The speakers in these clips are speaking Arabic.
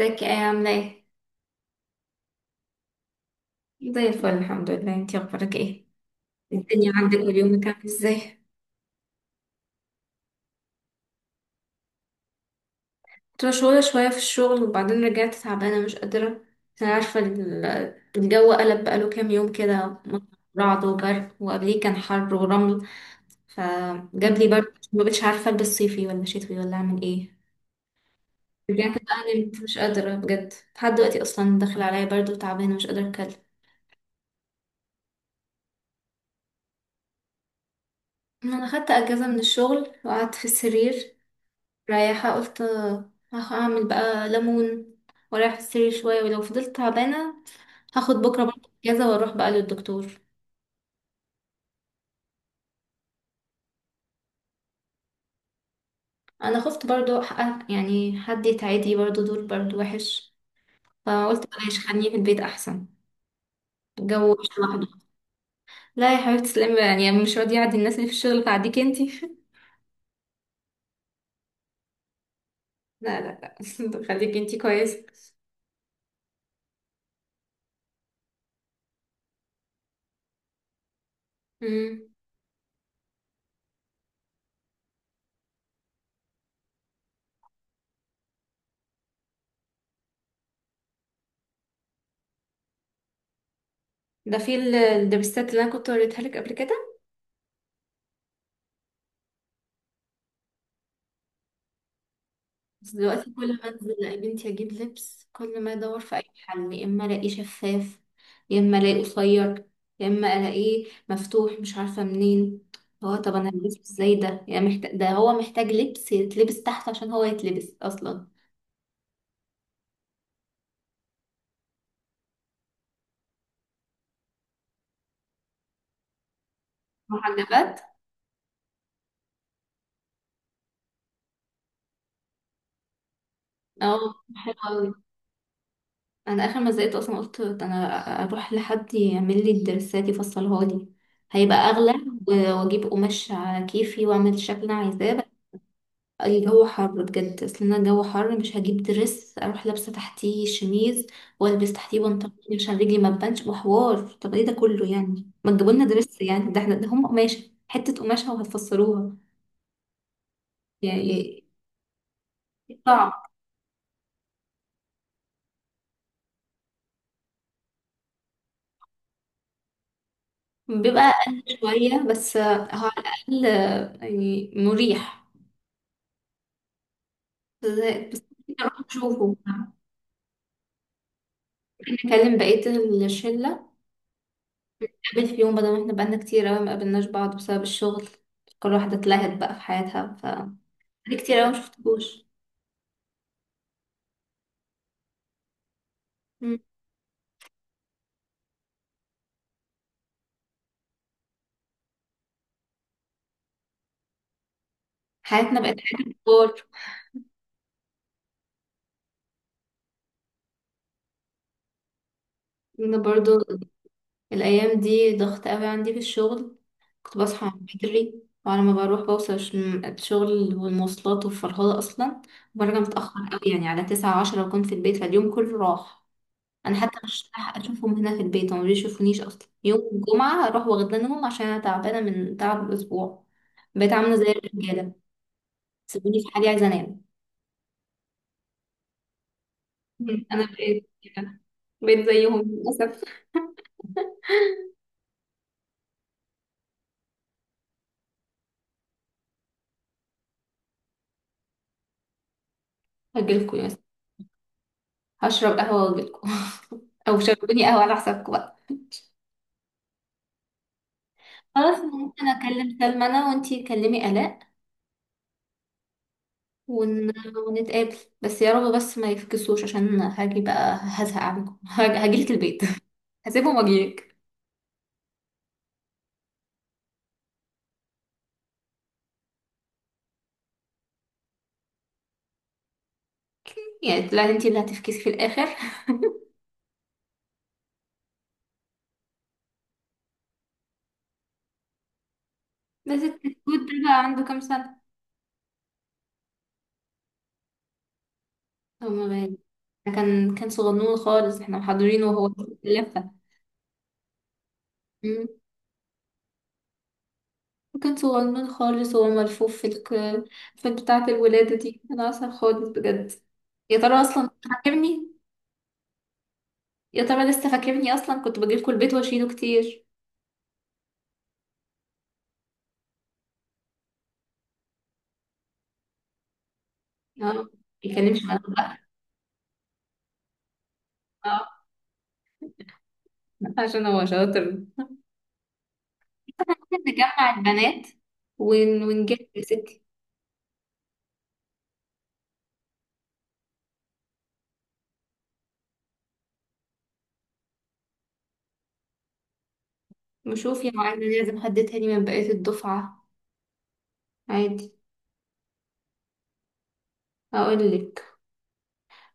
ازيك؟ ايه عاملة ايه؟ زي الفل الحمد لله. انتي اخبارك ايه؟ الدنيا عندك واليومك عامل ازاي؟ كنت مشغولة شوية في الشغل وبعدين رجعت تعبانة مش قادرة. انا عارفة الجو قلب بقاله كام يوم كده، رعد وبرد وقبليه كان حر ورمل، فجاب لي برد ما بقتش عارفة البس صيفي ولا شتوي ولا اعمل ايه. رجعت بقى نمت مش قادرة بجد لحد دلوقتي، اصلا داخل عليا برد وتعبانة مش قادرة اتكلم. انا خدت اجازة من الشغل وقعدت في السرير. رايحة قلت هعمل بقى ليمون ورايح السرير شوية، ولو فضلت تعبانة هاخد بكرة برضه اجازة واروح بقى للدكتور. انا خفت برضه يعني حد يتعدي برضه، دول برضه وحش، فقلت بلاش خليني في البيت احسن. الجو وحش لوحده. لا يا حبيبتي تسلمي بقى، يعني مش راضية اعدي الناس اللي في الشغل فاعديك انتي. لا لا لا. خليكي انتي كويسة. مم. ده في الدبستات اللي انا كنت وريتها لك قبل كده. بس دلوقتي كل ما انزل يا بنتي اجيب لبس، كل ما ادور في اي حل يا اما الاقيه شفاف، يا اما الاقيه قصير، يا اما الاقيه مفتوح مش عارفه منين. هو طب انا هلبسه ازاي ده؟ يعني محتاج، ده هو محتاج لبس يتلبس تحت عشان هو يتلبس اصلا. محجبات. اه. حلو أوي. انا اخر ما زهقت اصلا قلت انا اروح لحد يعمل لي الدرسات يفصلها لي، هيبقى اغلى واجيب قماش على كيفي واعمل الشكل اللي انا عايزاه. الجو حر بجد، اصل انا الجو حر مش هجيب درس اروح لابسه تحتيه شميز والبس تحتيه بنطلون عشان رجلي ما تبانش، وحوار طب ايه ده كله، يعني ما تجيبوا لنا درس، يعني ده احنا ده هم قماشه، حته قماشه وهتفسروها. يعني صعب. بيبقى اقل شويه بس هو على الاقل يعني مريح. بس نروح نشوفه ممكن، نكلم بقيه الشله، نقابل في يوم بدل ما احنا بقالنا كتير اوي ما قابلناش بعض بسبب الشغل، كل واحدة اتلهت بقى في حياتها. بقالي كتير أوي مشفتكوش. مم. حياتنا بقت حياة كبار. أنا برضو الأيام دي ضغط أوي عندي في الشغل، كنت بصحى بدري وعلى ما بروح بوصل الشغل والمواصلات والفرهدة أصلا، وبرجع متأخر أوي، يعني على 9:30 بكون في البيت، فاليوم كله راح. أنا حتى مش لاحقة أشوفهم هنا في البيت، هما مبيشوفونيش أصلا، يوم الجمعة أروح واخدانهم عشان أنا تعبانة من تعب الأسبوع. بقيت عاملة زي الرجالة، سيبوني في حالي عايزة أنام. مم. أنا بقيت كده، بقيت زيهم للأسف. هجيلكوا، هشرب قهوة واجيلكوا. او شربوني قهوة على حسابكم بقى. خلاص ممكن اكلم سلمى انا وانتي كلمي آلاء، ون... ونتقابل، بس يا رب بس ما يفكسوش عشان هاجي بقى هزهق عنكم. هاجيلك البيت. هسيبهم واجيلك. يعني لا انتي اللي هتفكسي في الاخر. بس الكتكوت ده بقى عنده كام سنة؟ هو ما بين- ده كان صغنون خالص احنا محضرينه وهو لفة، وكان صغنن خالص وهو ملفوف في في بتاعة الولادة دي. أنا أصلا خالص بجد، يا ترى أصلا فاكرني، يا ترى لسه فاكرني؟ أصلا كنت بجيلكوا البيت وأشيله كتير. اه ما بيتكلمش معانا بقى. اه عشان هو شاطر. احنا ممكن نجمع البنات ونجيب يا ستي. نشوف يا معلم، لازم حد تاني من بقية الدفعة. عادي. أقولك،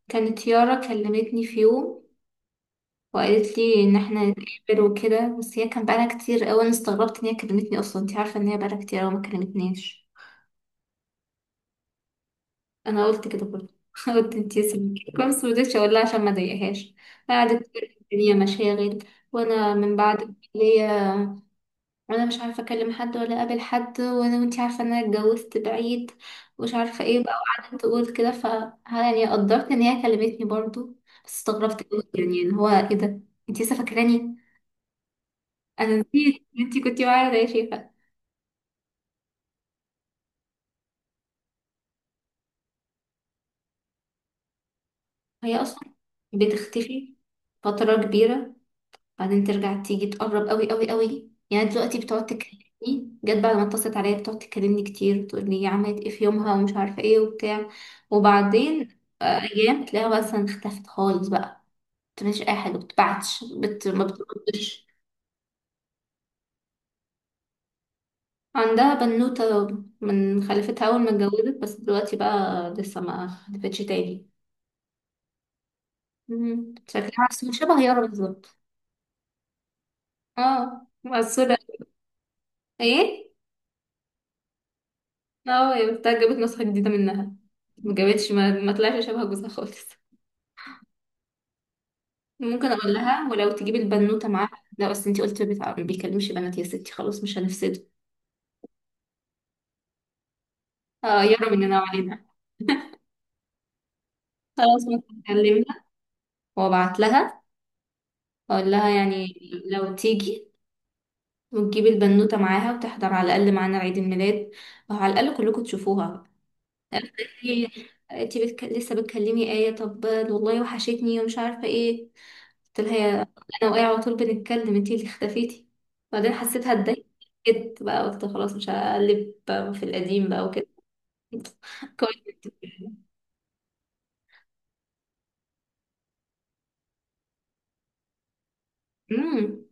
كانت يارا كلمتني في يوم وقالت لي ان احنا نتقابل وكده، بس هي كان بقالها كتير قوي. انا استغربت ان هي كلمتني اصلا، انت عارفه ان هي بقالها كتير قوي ما كلمتنيش. انا قلت كده برضه. قلت انت سمكي بس مرضتش اقول لها عشان ما اضايقهاش. قعدت تقول لي الدنيا مشاغل، وانا من بعد الكليه وانا مش عارفه اكلم حد ولا اقابل حد، وانا وانت عارفه ان انا اتجوزت بعيد ومش عارفه ايه بقى، وقعدت تقول كده ف، يعني قدرت ان هي كلمتني برضه بس استغربت قوي، يعني ان هو ايه ده، انت لسه فاكراني؟ انا نسيت إن انتي كنتي معايا يا شيخة. هي اصلا بتختفي فترة كبيرة، بعدين ترجع تيجي تقرب قوي قوي قوي، يعني دلوقتي بتقعد تكلمني، جت بعد ما اتصلت عليا بتقعد تكلمني كتير، تقول لي عملت ايه في يومها ومش عارفة ايه وبتاع، وبعدين ايام تلاقيها مثلا اختفت خالص بقى، مش اي حاجة بتبعتش ما بتردش. عندها بنوتة من خلفتها أول ما اتجوزت، بس دلوقتي بقى لسه ما خلفتش تاني. مم. شكلها شبه يارا بالظبط. اه مقصورة. ايه. اه هي بتاعت جابت نسخة جديدة منها، ما جابتش ما طلعش شبه جوزها خالص. ممكن اقول لها ولو تجيبي البنوتة معاها، لا بس انتي قلتي ما بيكلمش بنات، يا ستي خلاص مش هنفسده. اه يرى مننا وعلينا. خلاص ممكن اكلمها وابعت لها، اقول لها يعني لو تيجي وتجيبي البنوتة معاها وتحضر على الاقل معانا عيد الميلاد، وعلى الاقل كلكم تشوفوها. انتي، انتي لسه بتكلمي آية؟ طب والله وحشتني ومش عارفة ايه، قلت لها يا، انا واقعه على طول بنتكلم انتي اللي اختفيتي، بعدين حسيتها اتضايقت، جيت بقى قلت خلاص مش هقلب في القديم بقى وكده. كويس. امم،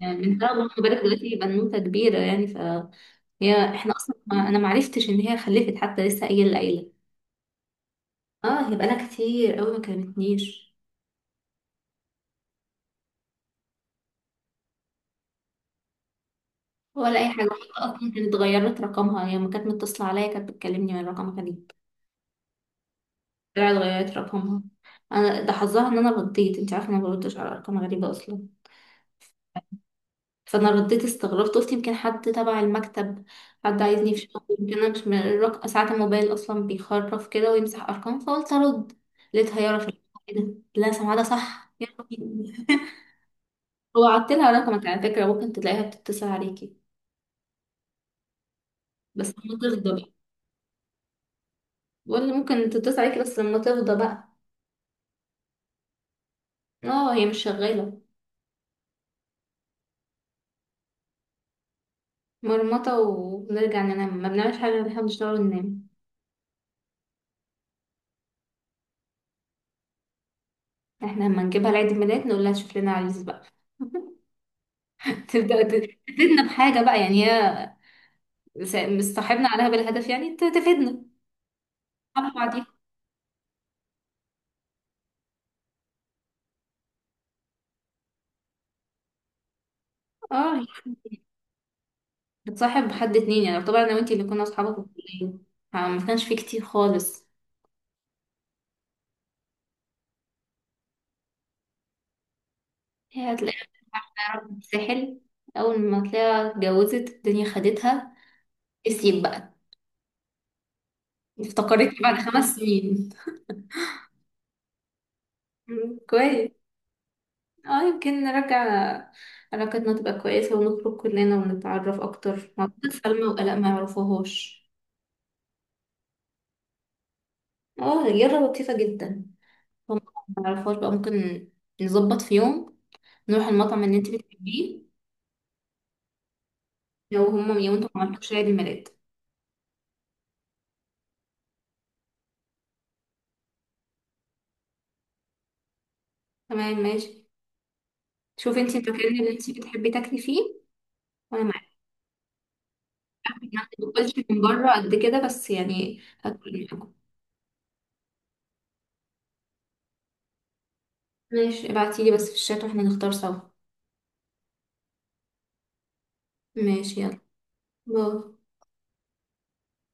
يعني من بقى، ما بالك دلوقتي بنوته كبيره يعني فهي، احنا اصلا ما انا ما عرفتش ان هي خلفت حتى لسه قايله العيله. اه هي بقالها كتير قوي ما كلمتنيش، ولا اي حاجه حتى، اصلا كانت اتغيرت رقمها هي يعني، ما كانت متصله عليا، كانت بتكلمني من رقمها كان، طلعت غيرت رقمها. انا ده حظها ان انا رديت، انت عارفه انا ما بردش على ارقام غريبه اصلا، فانا رديت استغربت قلت يمكن حد تبع المكتب، حد عايزني في شغل، يمكن انا مش من ساعات الموبايل اصلا بيخرف كده ويمسح ارقام فقلت ارد، لقيتها يارا في البتاع كده، لا سمعها ده صح يلا بينا. وعدت لها رقمك على فكره، ممكن تلاقيها بتتصل عليكي بس لما تفضى بقى. بقول لي ممكن تتصل عليكي بس لما تفضى بقى. اه هي مش شغاله. مرمطه وبنرجع ننام، ما بنعملش حاجه غير إن احنا بنشتغل وننام. احنا لما نجيبها لعيد الميلاد نقول لها شوف لنا عريس بقى. تبدأ تفيدنا بحاجة بقى يعني هي، مصاحبنا عليها بالهدف يعني تفيدنا. صح بعدين. اه بتصاحب حد اتنين، يعني طبعا انا وانتي اللي كنا اصحابك في الكلية فما كانش في كتير خالص. هي هتلاقيها راحت الساحل، اول ما تلاقيها اتجوزت الدنيا خدتها نسيت بقى. افتكرتني بعد 5 سنين. مم، كويس. اه يمكن نرجع علاقتنا تبقى كويسة ونخرج كلنا ونتعرف أكتر، ما أعتقد سلمى وآلاء ما يعرفوهاش. اه رياضة لطيفة جدا. هم ما يعرفوهاش بقى ممكن، نظبط في يوم نروح المطعم اللي انت بتحبيه، لو هم لو انتوا ما عملتوش عيد الميلاد. تمام ماشي، شوفي انت المكان اللي انت بتحبي تاكلي فيه وانا معاكي. أعرف إن أنا ما باكلش من بره قد كده بس يعني هاكل معاكم. ماشي ابعتيلي بس في الشات واحنا نختار سوا. ماشي يلا باي.